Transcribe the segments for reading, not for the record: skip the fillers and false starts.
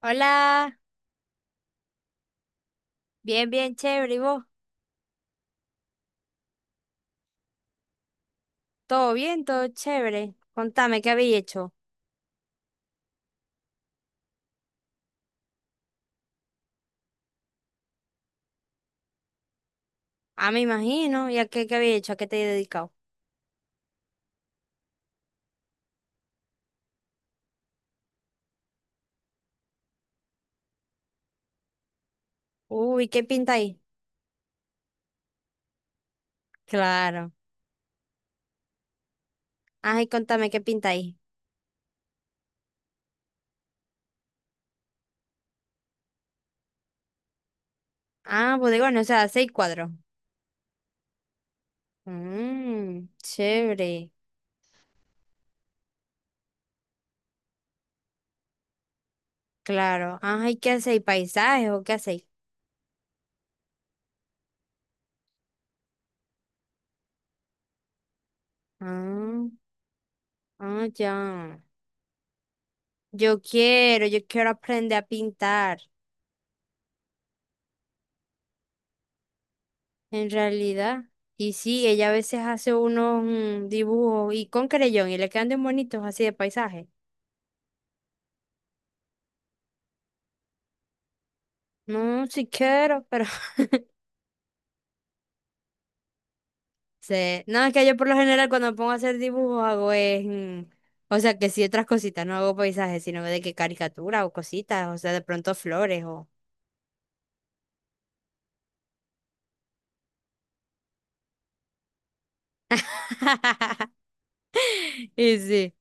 Hola, bien, bien, chévere. ¿Y vos? ¿Todo bien? ¿Todo chévere? Contame, ¿qué habéis hecho? Ah, me imagino. ¿Y qué habéis hecho? ¿A qué te he dedicado? Uy, ¿qué pintáis? Claro. Ay, contame, ¿qué pintáis? Ah, bodegones, o sea, seis cuadros. Mmm, chévere. Claro. Ajá, ¿y qué hacéis? ¿Paisajes o qué hacéis? Ah, ah, ya. Yo quiero aprender a pintar. En realidad, y sí, ella a veces hace unos dibujos y con creyón y le quedan bien bonitos así de paisaje. No, si quiero, pero sé. No, es que yo por lo general cuando me pongo a hacer dibujos hago es, o sea, que sí otras cositas, no hago paisajes, sino de que caricatura o cositas, o sea, de pronto flores o. Y sí.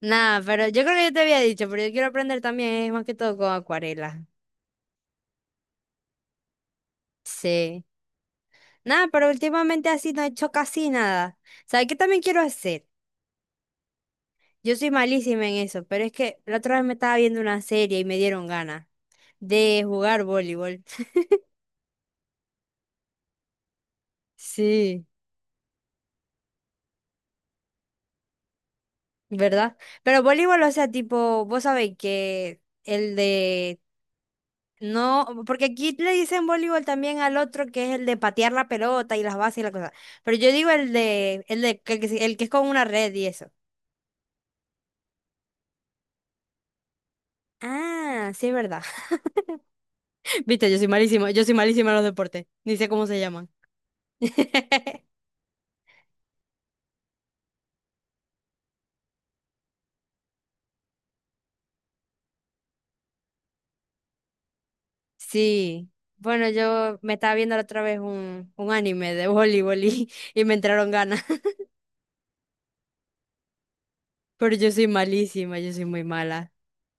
Nada, pero yo creo que yo te había dicho, pero yo quiero aprender también, es más que todo con acuarela. Sí. Nada, pero últimamente así no he hecho casi nada. ¿Sabes qué también quiero hacer? Yo soy malísima en eso, pero es que la otra vez me estaba viendo una serie y me dieron ganas de jugar voleibol. Sí, ¿verdad? Pero voleibol, o sea, tipo, vos sabéis que el de. No, porque aquí le dicen voleibol también al otro que es el de patear la pelota y las bases y la cosa. Pero yo digo el que es con una red y eso. Ah, sí, es verdad. Viste, yo soy malísima en los deportes. Ni sé cómo se llaman. Sí, bueno, yo me estaba viendo la otra vez un anime de voleibol y, y me entraron ganas, pero yo soy malísima, yo soy muy mala.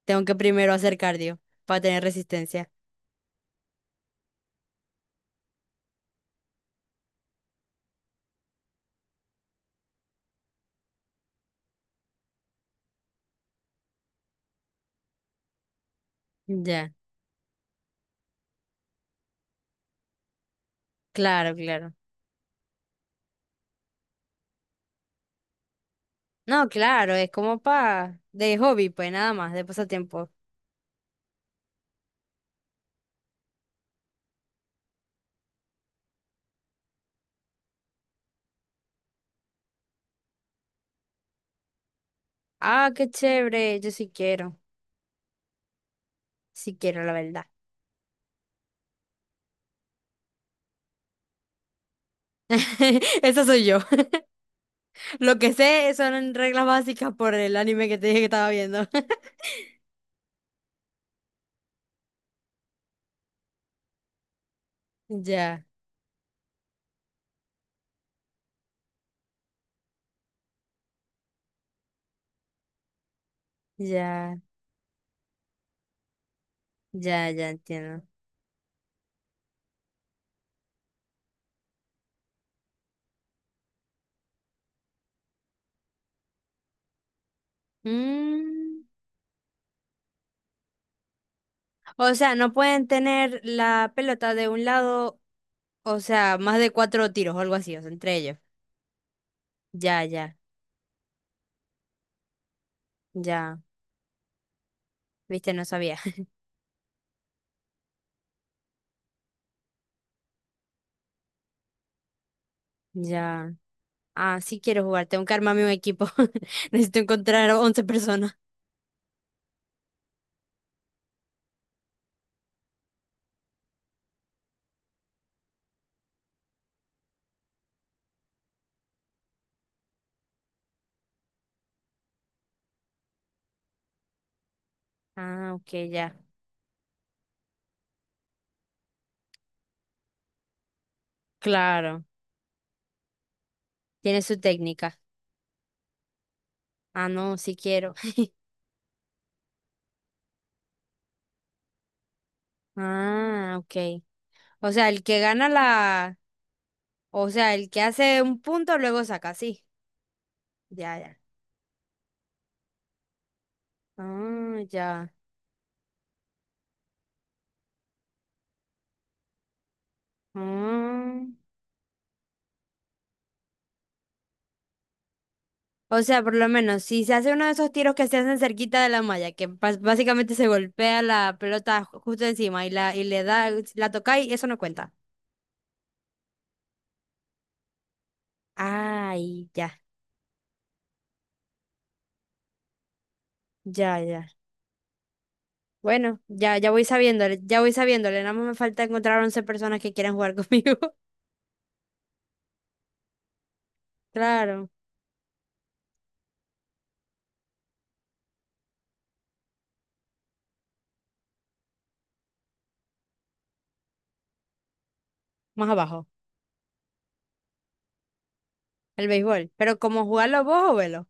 Tengo que primero hacer cardio para tener resistencia. Ya, claro, claro. No, claro, es como pa de hobby, pues nada más, de pasatiempo. Ah, qué chévere, yo sí quiero, la verdad. Eso soy yo. Lo que sé son reglas básicas por el anime que te dije que estaba viendo. Ya, ya, ya, ya entiendo. Mm, O sea, no pueden tener la pelota de un lado, o sea, más de cuatro tiros o algo así, o sea, entre ellos. Ya, ya, ya. Viste, no sabía. Ya. Ah, sí quiero jugar, tengo que armarme un equipo. Necesito encontrar 11 personas. Ah, ok, ya. Claro. Tiene su técnica. Ah, no, sí quiero. Ah, ok. O sea, el que gana la. O sea, el que hace un punto luego saca, sí. Ya, ya. Ah, ya. Ah. O sea, por lo menos, si se hace uno de esos tiros que se hacen cerquita de la malla, que básicamente se golpea la pelota justo encima y la y le da, si la toca y eso no cuenta. Ay, ya, ya, ya. Bueno, ya, ya voy sabiéndole, ya voy sabiéndole. Nada más me falta encontrar 11 personas que quieran jugar conmigo. Claro, más abajo, el béisbol. Pero cómo jugarlo vos o velo.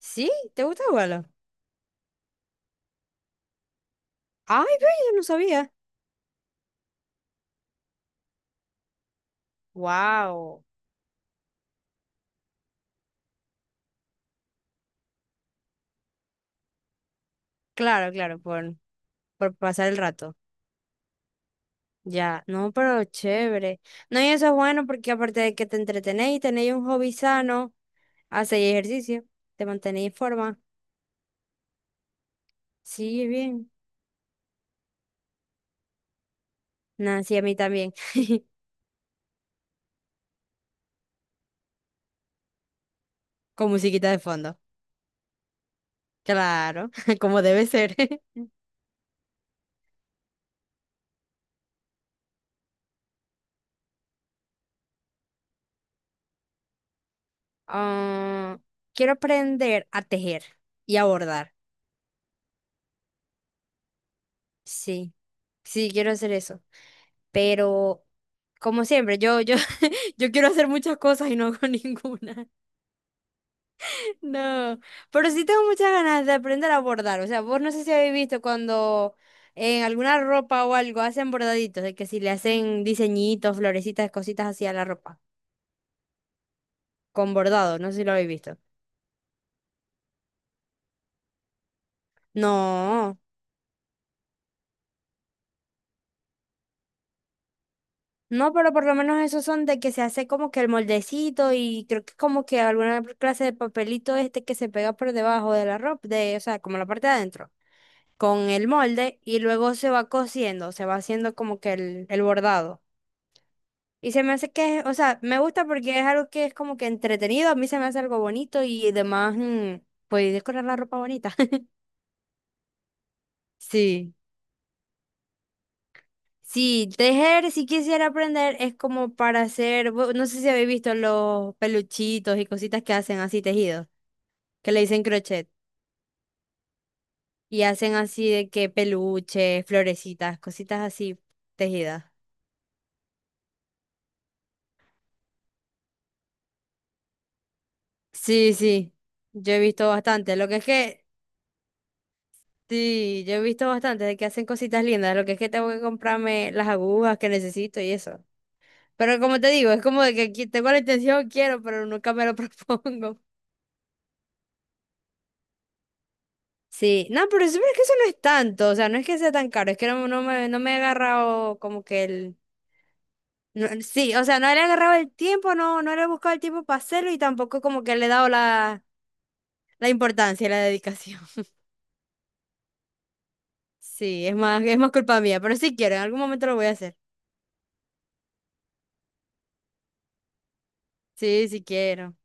¿Sí? ¿Te gusta jugarlo? Ay, ve, yo no sabía. Wow. Claro, claro, por pasar el rato. Ya, no, pero chévere. No, y eso es bueno porque aparte de que te entretenéis, tenéis un hobby sano, hacéis ejercicio, te mantenéis en forma. Sí, bien. Nah, sí, a mí también. Con musiquita de fondo. Claro, como debe ser. Ah, quiero aprender a tejer y a bordar. Sí, sí, quiero hacer eso. Pero, como siempre, yo quiero hacer muchas cosas y no hago ninguna. No, pero sí tengo muchas ganas de aprender a bordar. O sea, vos no sé si habéis visto cuando en alguna ropa o algo hacen bordaditos, de que si le hacen diseñitos, florecitas, cositas así a la ropa, con bordado, no sé si lo habéis visto. No, no, pero por lo menos esos son de que se hace como que el moldecito y creo que como que alguna clase de papelito este que se pega por debajo de la ropa, de, o sea, como la parte de adentro, con el molde y luego se va cosiendo, se va haciendo como que el bordado. Y se me hace que, o sea, me gusta porque es algo que es como que entretenido, a mí se me hace algo bonito y además, pues decorar la ropa bonita. Sí. Sí, tejer, si quisiera aprender, es como para hacer, no sé si habéis visto los peluchitos y cositas que hacen así tejidos, que le dicen crochet, y hacen así de que peluches, florecitas, cositas así tejidas. Sí, sí, yo he visto bastante, lo que es que. Sí, yo he visto bastante de que hacen cositas lindas, lo que es que tengo que comprarme las agujas que necesito y eso. Pero como te digo, es como de que tengo la intención, quiero, pero nunca me lo propongo. Sí, no, pero es, que eso no es tanto, o sea, no es que sea tan caro, es que no, no me he agarrado como que el. No, sí, o sea, no le he agarrado el tiempo, no le he buscado el tiempo para hacerlo y tampoco como que le he dado la importancia y la dedicación. Sí, es más culpa mía, pero sí quiero, en algún momento lo voy a hacer. Sí, sí quiero.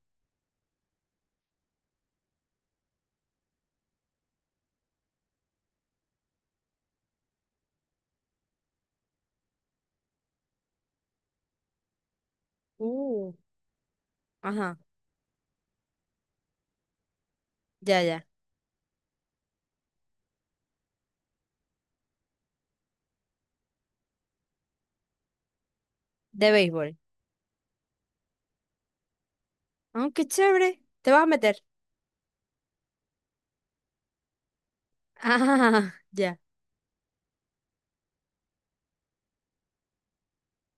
Uh, ajá. Ya, ya. De béisbol. Oh, qué chévere. ¿Te vas a meter? Ah, ya,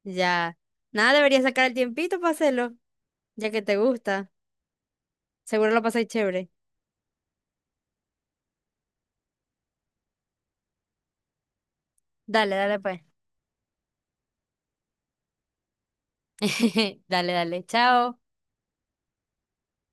ya. Nada, deberías sacar el tiempito para hacerlo, ya que te gusta. Seguro lo pasáis chévere. Dale, dale, pues. Dale, dale. Chao.